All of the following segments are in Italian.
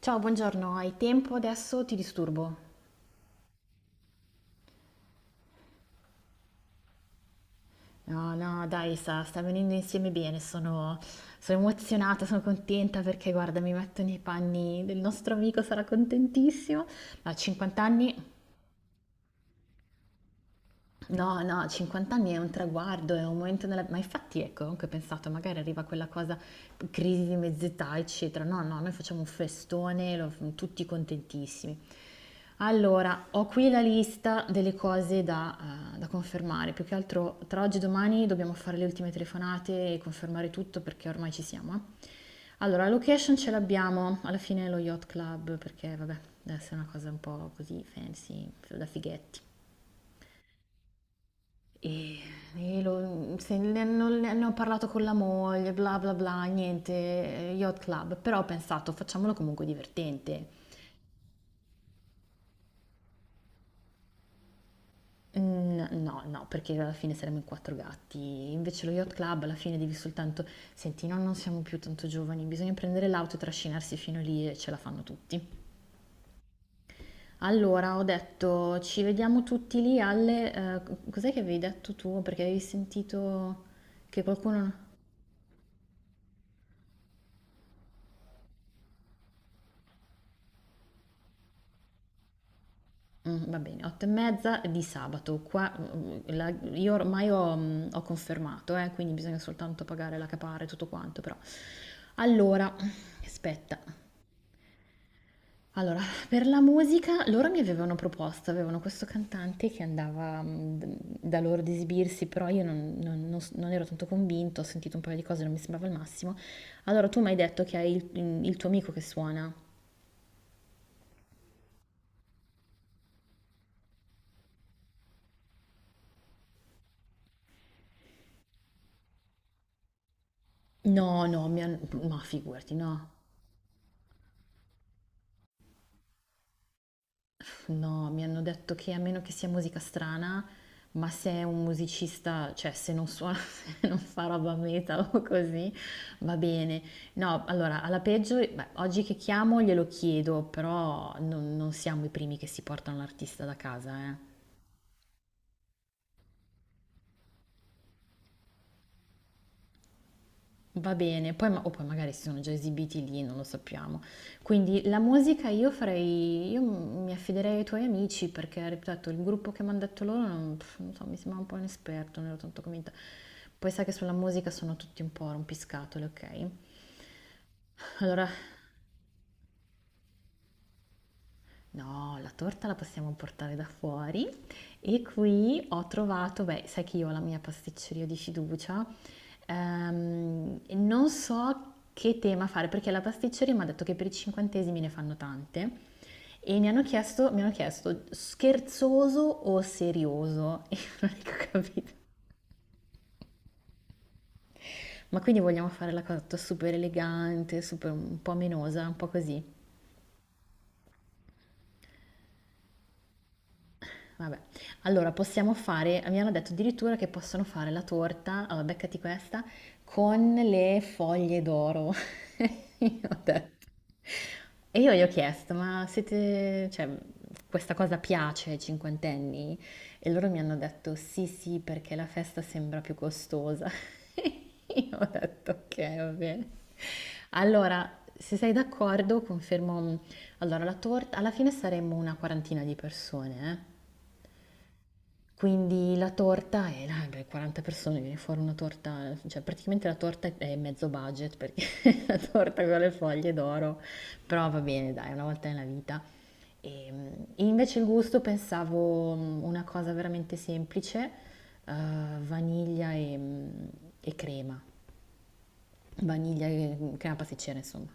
Ciao, buongiorno, hai tempo adesso? Ti disturbo? No, no, dai, sta venendo insieme bene, sono emozionata, sono contenta perché guarda, mi metto nei panni del nostro amico, sarà contentissimo. Ha 50 anni. No, no, 50 anni è un traguardo, è un momento nella... Ma infatti ecco, anche ho pensato, magari arriva quella cosa, crisi di mezz'età, eccetera. No, no, noi facciamo un festone, tutti contentissimi. Allora, ho qui la lista delle cose da, da confermare. Più che altro, tra oggi e domani dobbiamo fare le ultime telefonate e confermare tutto perché ormai ci siamo, Allora, la location ce l'abbiamo, alla fine è lo Yacht Club, perché vabbè, deve essere una cosa un po' così fancy, da fighetti. E, e lo- se ne, non- ne ho parlato con la moglie, bla bla bla, niente, yacht club, però ho pensato facciamolo comunque divertente. Mm, No, no, perché alla fine saremo in quattro gatti. Invece lo yacht club alla fine devi soltanto... Senti, no, non siamo più tanto giovani, bisogna prendere l'auto e trascinarsi fino lì e ce la fanno tutti. Allora, ho detto, ci vediamo tutti lì alle... cos'è che avevi detto tu? Perché avevi sentito che qualcuno... va bene, 8 e mezza di sabato. Qua, la io ormai ho ho confermato, quindi bisogna soltanto pagare la capare e tutto quanto, però. Allora, aspetta. Allora, per la musica loro mi avevano proposto, avevano questo cantante che andava, d da loro ad esibirsi, però io non non non s non ero tanto convinta, ho sentito un paio di cose, non mi sembrava il massimo. Allora tu m'hai detto che hai il il tuo amico che suona. No, no, mi han ma figurati, no. No, mi hanno detto che a meno che sia musica strana, ma se è un musicista, cioè se non suona, se non fa roba metal o così, va bene. No, allora, alla peggio, beh, oggi che chiamo glielo chiedo, però non siamo i primi che si portano l'artista da casa, eh. Va bene, poi ma- o poi magari si sono già esibiti lì, non lo sappiamo. Quindi la musica io farei, mi affiderei ai tuoi amici perché, ripeto, il gruppo che mi hanno detto loro, non, pff, non so, mi sembrava un po' inesperto, non ero tanto convinta. Poi sai che sulla musica sono tutti un po' rompiscatole, ok? Allora, no, la torta la possiamo portare da fuori e qui ho trovato, beh, sai che io ho la mia pasticceria di fiducia, e non so che tema fare perché la pasticceria mi ha detto che per i cinquantesimi ne fanno tante e mi hanno chiesto scherzoso o serioso e io non ho capito. Ma quindi vogliamo fare la cosa super elegante, super un po' menosa, un po' così. Vabbè, allora possiamo fare, mi hanno detto addirittura che possono fare la torta, allora beccati questa, con le foglie d'oro. Io ho detto. E io gli ho chiesto, ma siete, cioè, questa cosa piace ai cinquantenni? E loro mi hanno detto, sì, sì, perché la festa sembra più costosa. Io ho detto, ok, va bene. Allora, se sei d'accordo, confermo. Allora, la torta, alla fine saremmo una quarantina di persone, eh. Quindi la torta è, ah, beh, 40 persone, viene fuori una torta, cioè praticamente la torta è mezzo budget perché la torta con le foglie d'oro, però va bene, dai, una volta nella vita. Ehm, E, invece il gusto pensavo una cosa veramente semplice, eh, vaniglia e crema, vaniglia e crema pasticcera, insomma.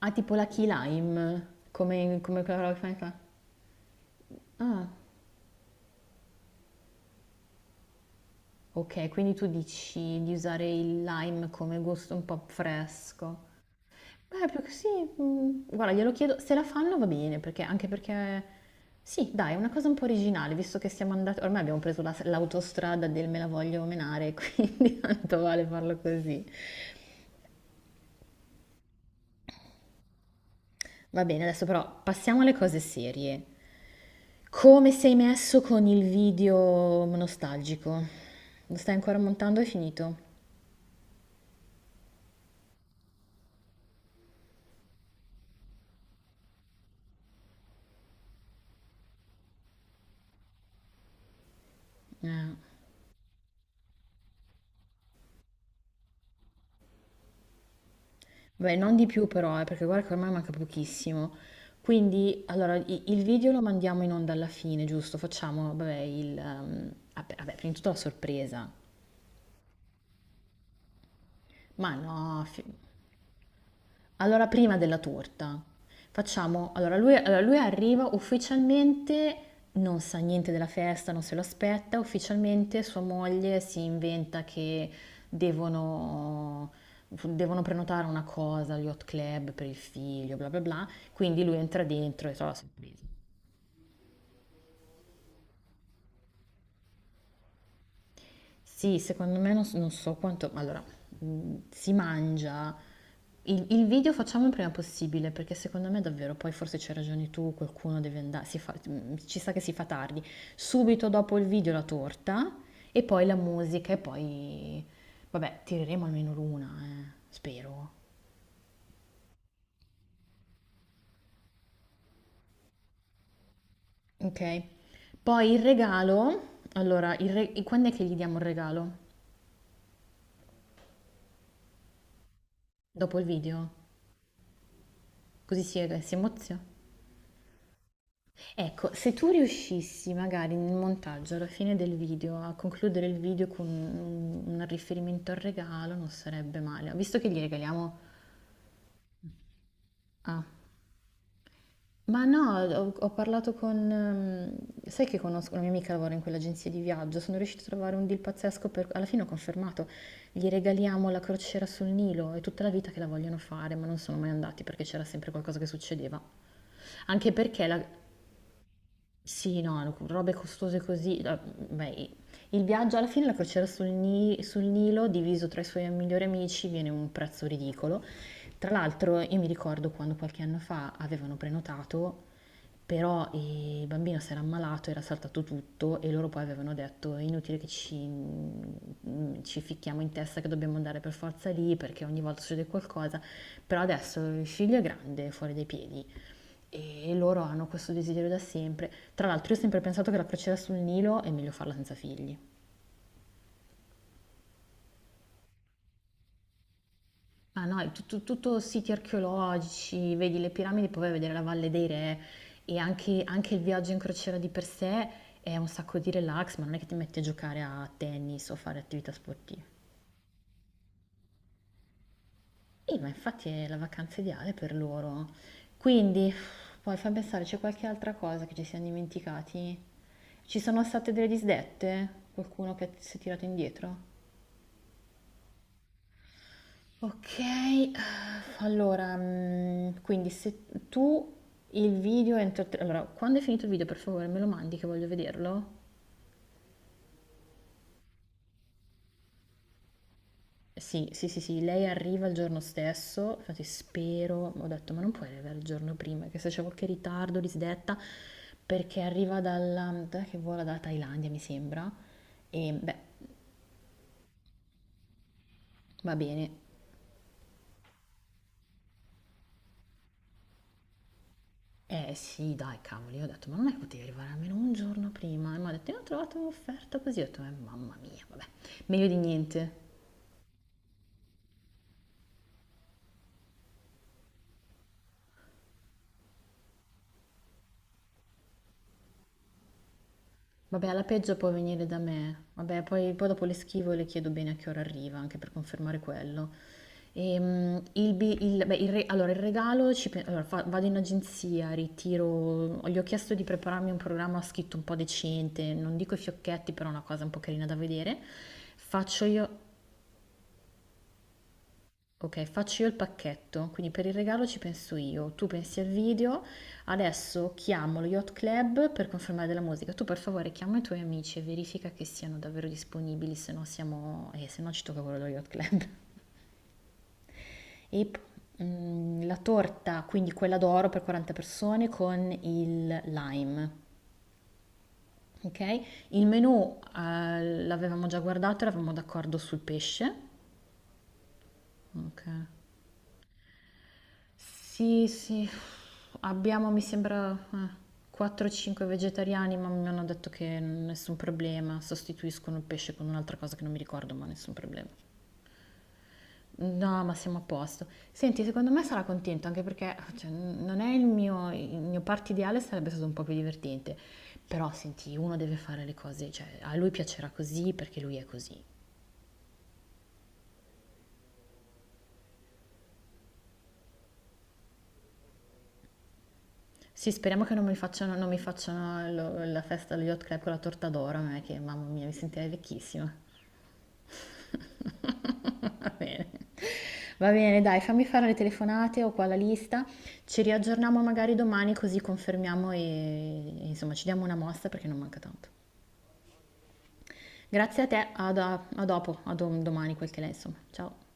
Ah, tipo la key lime, come quella roba che fai fa? Ah, okay, quindi tu dici di usare il lime come gusto un po' fresco. Beh, più che sì, guarda glielo chiedo, se la fanno va bene, perché anche perché sì dai, è una cosa un po' originale, visto che siamo andati ormai abbiamo preso la s l'autostrada del me la voglio menare, quindi tanto vale farlo così. Va bene, adesso però passiamo alle cose serie. Come sei messo con il video nostalgico? Lo stai ancora montando? È finito? Eh. Beh, non di più però, perché guarda che ormai manca pochissimo. Quindi, allora, il video lo mandiamo in onda alla fine, giusto? Facciamo, vabbè, il... prima di tutto la sorpresa. Ma no, fi- Allora, prima della torta, facciamo... allora, lui arriva ufficialmente, non sa niente della festa, non se lo aspetta, ufficialmente sua moglie si inventa che devono, devono prenotare una cosa, agli hot club per il figlio, bla bla bla, quindi lui entra dentro e trova la sorpresa. Sì, secondo me non, non so quanto... Allora, si mangia... il video facciamo il prima possibile, perché secondo me davvero, poi forse c'hai ragione tu, qualcuno deve andare, ci sa che si fa tardi. Subito dopo il video la torta e poi la musica e poi... Vabbè, tireremo almeno l'una, spero. Ok? Poi il regalo... Allora, quando è che gli diamo il regalo? Dopo il video? Così si emozia? Ecco, se tu riuscissi magari nel montaggio, alla fine del video, a concludere il video con un riferimento al regalo, non sarebbe male. Visto che gli regaliamo... Ah, ma no, ho parlato con... sai che conosco una mia amica lavora in quell'agenzia di viaggio, sono riuscita a trovare un deal pazzesco per... Alla fine ho confermato, gli regaliamo la crociera sul Nilo, è tutta la vita che la vogliono fare, ma non sono mai andati perché c'era sempre qualcosa che succedeva. Anche perché la- Sì, no, no, robe costose così. No, beh, i- il viaggio alla fine, la crociera sul Nilo, diviso tra i suoi migliori amici, viene un prezzo ridicolo. Tra l'altro, io mi ricordo quando qualche anno fa avevano prenotato, però il bambino si era ammalato, era saltato tutto e loro poi avevano detto: è inutile che ci ficchiamo in testa che dobbiamo andare per forza lì perché ogni volta succede qualcosa. Però adesso il figlio è grande, fuori dai piedi. E loro hanno questo desiderio da sempre. Tra l'altro, io ho sempre pensato che la crociera sul Nilo è meglio farla senza figli. Ma no, è tutto, tutto siti archeologici, vedi le piramidi, poi vai a vedere la Valle dei Re anche il viaggio in crociera di per sé è un sacco di relax, ma non è che ti metti a giocare a tennis o fare attività sportive. E ma infatti è la vacanza ideale per loro. Quindi, poi fammi pensare, c'è qualche altra cosa che ci siamo dimenticati? Ci sono state delle disdette? Qualcuno che si è tirato indietro? Ok, allora, quindi se tu il video entro... allora, quando è finito il video, per favore, me lo mandi che voglio vederlo? Sì, sì, sì, sì, lei arriva il giorno stesso, infatti spero, ho detto, ma non puoi arrivare il giorno prima, che se c'è qualche ritardo, disdetta, perché arriva dalla... dov'è che vola dalla Thailandia, mi sembra, e beh, va bene. Eh sì, dai, cavoli, io ho detto, ma non è che potevi arrivare almeno un giorno prima? E mi ha detto, io ho trovato un'offerta così, ho detto, mamma mia, vabbè, meglio di niente. Vabbè, alla peggio può venire da me, vabbè, poi dopo le schivo e le chiedo bene a che ora arriva, anche per confermare quello. Il, bi- il- beh, il re- allora, il regalo, ci pe- allora, fa- vado in agenzia, ritiro, gli ho chiesto di prepararmi un programma scritto un po' decente, non dico i fiocchetti, però una cosa un po' carina da vedere. Faccio io, Ok, faccio io il pacchetto, quindi per il regalo ci penso io, tu pensi al video, adesso chiamo lo Yacht Club per confermare della musica, tu per favore chiama i tuoi amici e verifica che siano davvero disponibili, se no siamo, se no ci tocca quello dello Yacht Club. La torta, quindi quella d'oro per 40 persone con il lime, ok? Il menù l'avevamo già guardato, eravamo d'accordo sul pesce, ok? Sì, sì, abbiamo, mi sembra, 4-5 vegetariani, ma mi hanno detto che nessun problema, sostituiscono il pesce con un'altra cosa che non mi ricordo, ma nessun problema. No, ma siamo a posto. Senti, secondo me sarà contento, anche perché cioè, non è il mio party ideale, sarebbe stato un po' più divertente. Però, senti, uno deve fare le cose, cioè, a lui piacerà così perché lui è così. Sì, speriamo che non mi facciano la festa allo Yacht Club con la torta d'oro, non è che, mamma mia, mi sentirei vecchissima. Va bene. Va bene, dai, fammi fare le telefonate, ho qua la lista. Ci riaggiorniamo magari domani così confermiamo e, insomma ci diamo una mossa perché non manca tanto. Grazie a te, a dopo, domani, quel che è, insomma. Ciao.